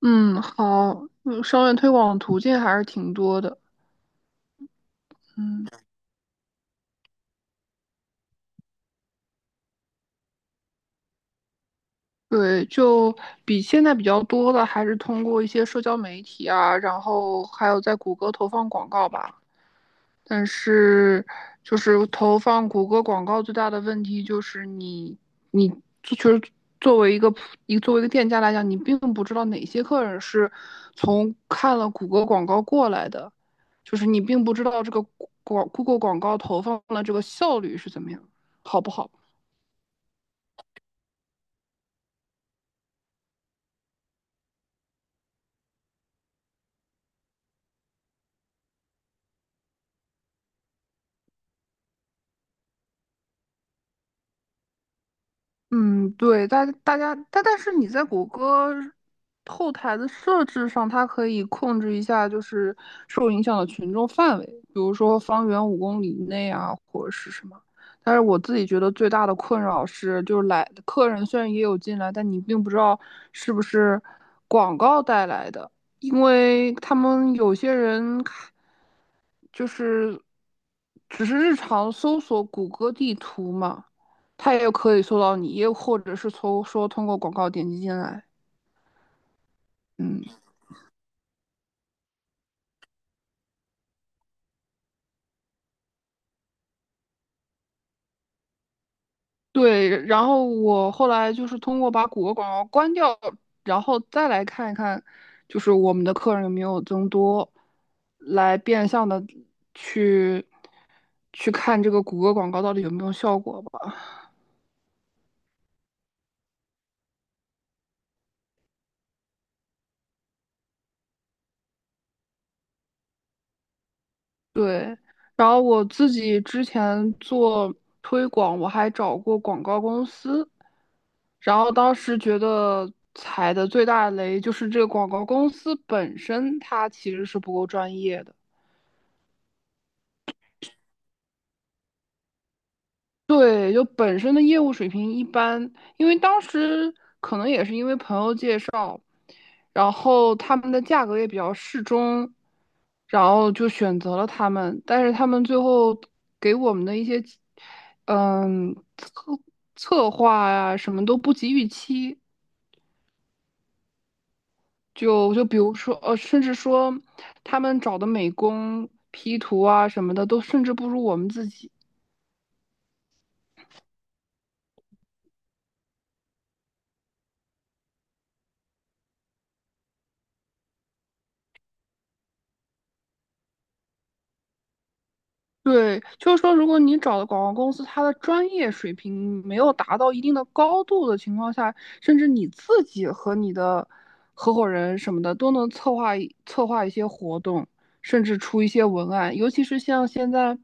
嗯，好，商业推广途径还是挺多的。嗯，对，比现在比较多的还是通过一些社交媒体啊，然后还有在谷歌投放广告吧。但是就是投放谷歌广告最大的问题就是你就是作为一个普一作为一个店家来讲，你并不知道哪些客人是从看了谷歌广告过来的，就是你并不知道这个Google 广告投放的这个效率是怎么样，好不好？嗯，对，大家，但是你在谷歌后台的设置上，它可以控制一下，就是受影响的群众范围，比如说方圆五公里以内啊，或者是什么。但是我自己觉得最大的困扰是，就是来客人虽然也有进来，但你并不知道是不是广告带来的，因为他们有些人看就是只是日常搜索谷歌地图嘛，它也可以搜到你，又或者是从说通过广告点击进来。嗯，对。然后我后来就是通过把谷歌广告关掉，然后再来看一看，就是我们的客人有没有增多，来变相的去去看这个谷歌广告到底有没有效果吧。对，然后我自己之前做推广，我还找过广告公司，然后当时觉得踩的最大的雷就是这个广告公司本身它其实是不够专业的。对，就本身的业务水平一般，因为当时可能也是因为朋友介绍。然后他们的价格也比较适中，然后就选择了他们。但是他们最后给我们的一些，嗯，策划呀、什么都不及预期。就就比如说，甚至说他们找的美工 P 图啊什么的，都甚至不如我们自己。对，就是说，如果你找的广告公司，它的专业水平没有达到一定的高度的情况下，甚至你自己和你的合伙人什么的都能策划一些活动，甚至出一些文案。尤其是像现在，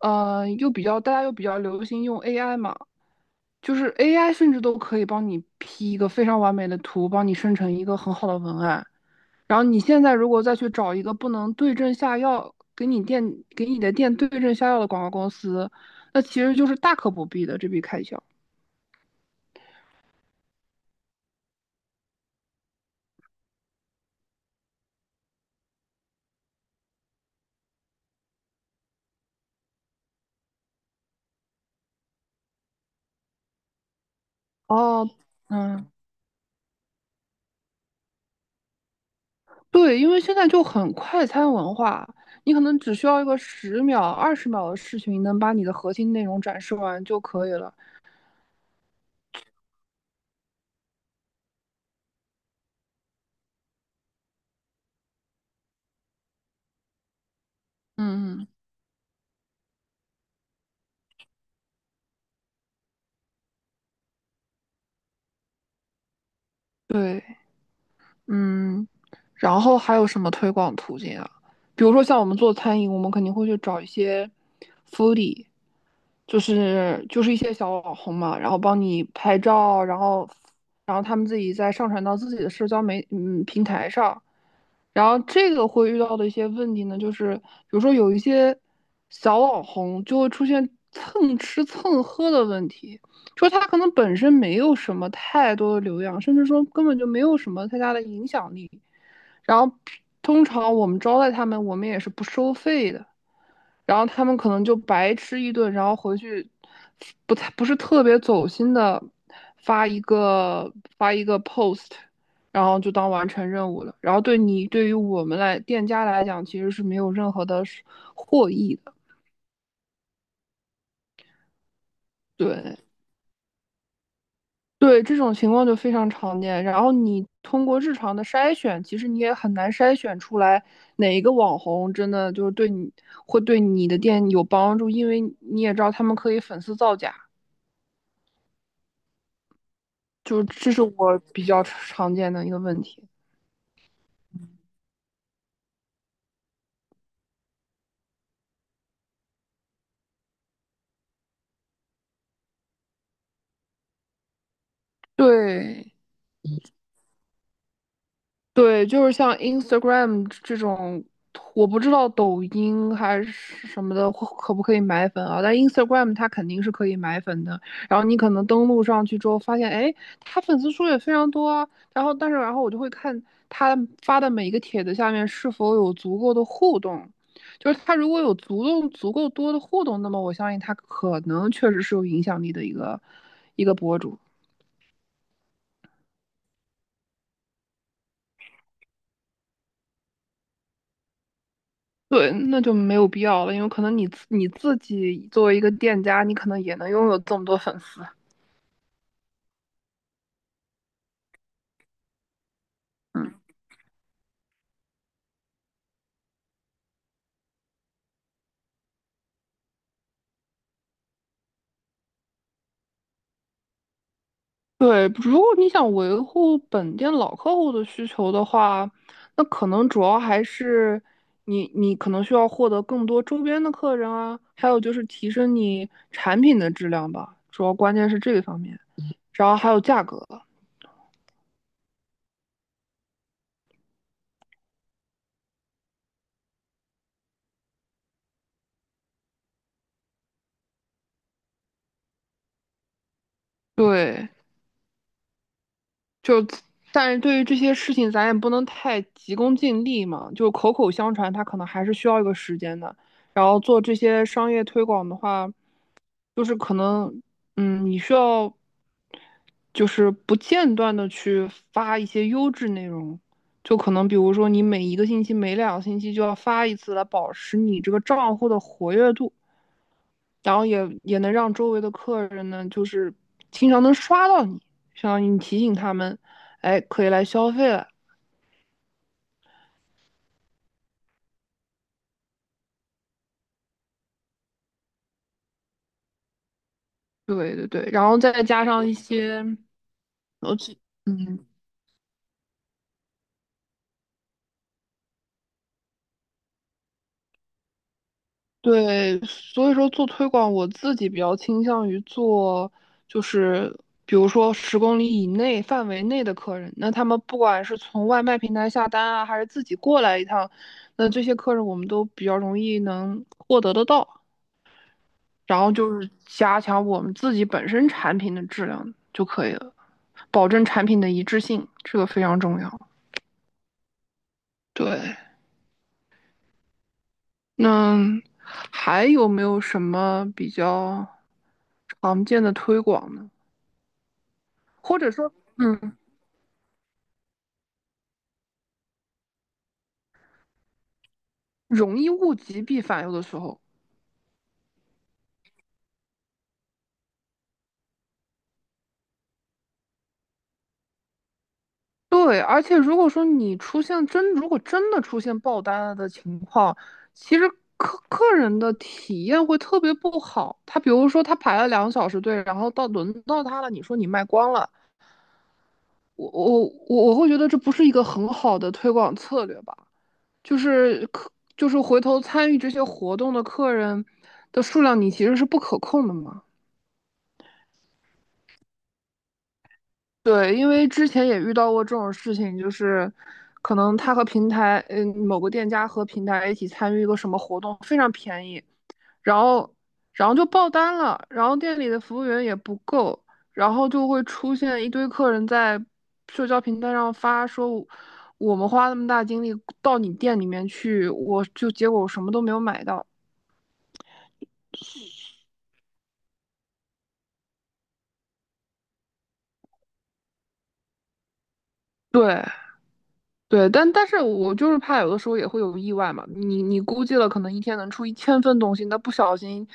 又比较大家又比较流行用 AI 嘛，就是 AI 甚至都可以帮你 P 一个非常完美的图，帮你生成一个很好的文案。然后你现在如果再去找一个不能对症下药，给你的店对症下药的广告公司，那其实就是大可不必的这笔开销。哦，嗯，对，因为现在就很快餐文化，你可能只需要一个十秒、二十秒的事情，能把你的核心内容展示完就可以了。嗯嗯，对。嗯，然后还有什么推广途径啊？比如说像我们做餐饮，我们肯定会去找一些 foodie，就是一些小网红嘛，然后帮你拍照，然后然后他们自己再上传到自己的社交媒嗯平台上，然后这个会遇到的一些问题呢，就是比如说有一些小网红就会出现蹭吃蹭喝的问题，就是他可能本身没有什么太多的流量，甚至说根本就没有什么太大的影响力。然后通常我们招待他们，我们也是不收费的。然后他们可能就白吃一顿，然后回去不是特别走心的发一个发一个 post，然后就当完成任务了。然后对于我们来店家来讲，其实是没有任何的获益的。对对，这种情况就非常常见。然后你通过日常的筛选，其实你也很难筛选出来哪一个网红真的就是会对你的店有帮助，因为你也知道他们可以粉丝造假。就是这是我比较常见的一个问题。对对，就是像 Instagram 这种，我不知道抖音还是什么的可不可以买粉啊？但 Instagram 它肯定是可以买粉的。然后你可能登录上去之后，发现哎，他粉丝数也非常多啊。然后然后我就会看他发的每一个帖子下面是否有足够的互动。就是他如果有足够多的互动，那么我相信他可能确实是有影响力的一个博主。对，那就没有必要了，因为可能你自己作为一个店家，你可能也能拥有这么多粉丝。嗯，对，如果你想维护本店老客户的需求的话，那可能主要还是你可能需要获得更多周边的客人啊，还有就是提升你产品的质量吧，主要关键是这个方面，然后还有价格。对。但是对于这些事情，咱也不能太急功近利嘛。就口口相传，它可能还是需要一个时间的。然后做这些商业推广的话，就是可能，嗯，你需要就是不间断的去发一些优质内容。就可能比如说，你每一个星期、每两个星期就要发一次，来保持你这个账户的活跃度，也能让周围的客人呢，就是经常能刷到你，相当于你提醒他们，哎，可以来消费了。对对对，然后再加上一些，呃，其嗯，对，所以说做推广，我自己比较倾向于做，就是比如说十公里以内范围内的客人，那他们不管是从外卖平台下单啊，还是自己过来一趟，那这些客人我们都比较容易能得到，然后就是加强我们自己本身产品的质量就可以了，保证产品的一致性，这个非常重要。对，那还有没有什么比较常见的推广呢？或者说，嗯，容易物极必反，有的时候。对，而且如果说你出现真，如果真的出现爆单了的情况，其实客人的体验会特别不好。他比如说他排了两个小时队，然后轮到他了，你说你卖光了，我我我会觉得这不是一个很好的推广策略吧。就是客，就是回头参与这些活动的客人的数量，你其实是不可控的嘛。对，因为之前也遇到过这种事情，就是可能他和平台，嗯，某个店家和平台一起参与一个什么活动，非常便宜，然后，然后就爆单了，然后店里的服务员也不够，然后就会出现一堆客人在社交平台上发说，我们花那么大精力到你店里面去，结果我什么都没有买到。对，对，但是我就是怕有的时候也会有意外嘛。你估计了，可能一天能出一千份东西，那不小心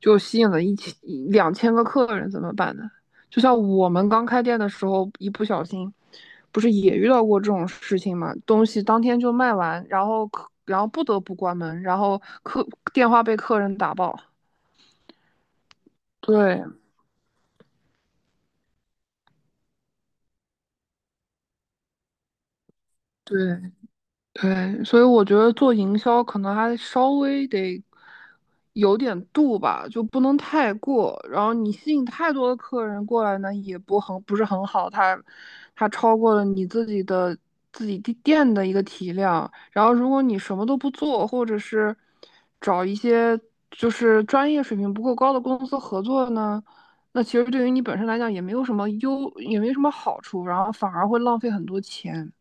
就吸引了一千一两千个客人，怎么办呢？就像我们刚开店的时候，一不小心，不是也遇到过这种事情嘛？东西当天就卖完，然后客，然后不得不关门，然后客电话被客人打爆。对对，对，所以我觉得做营销可能还稍微得有点度吧，就不能太过。然后你吸引太多的客人过来呢，也不很不是很好，它超过了你自己的自己地店的一个体量。然后如果你什么都不做，或者是找一些就是专业水平不够高的公司合作呢，那其实对于你本身来讲也没什么好处，然后反而会浪费很多钱。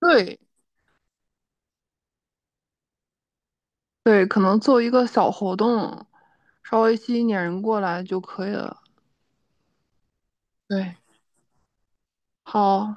对，对，可能做一个小活动，稍微吸引点人过来就可以了。对，好，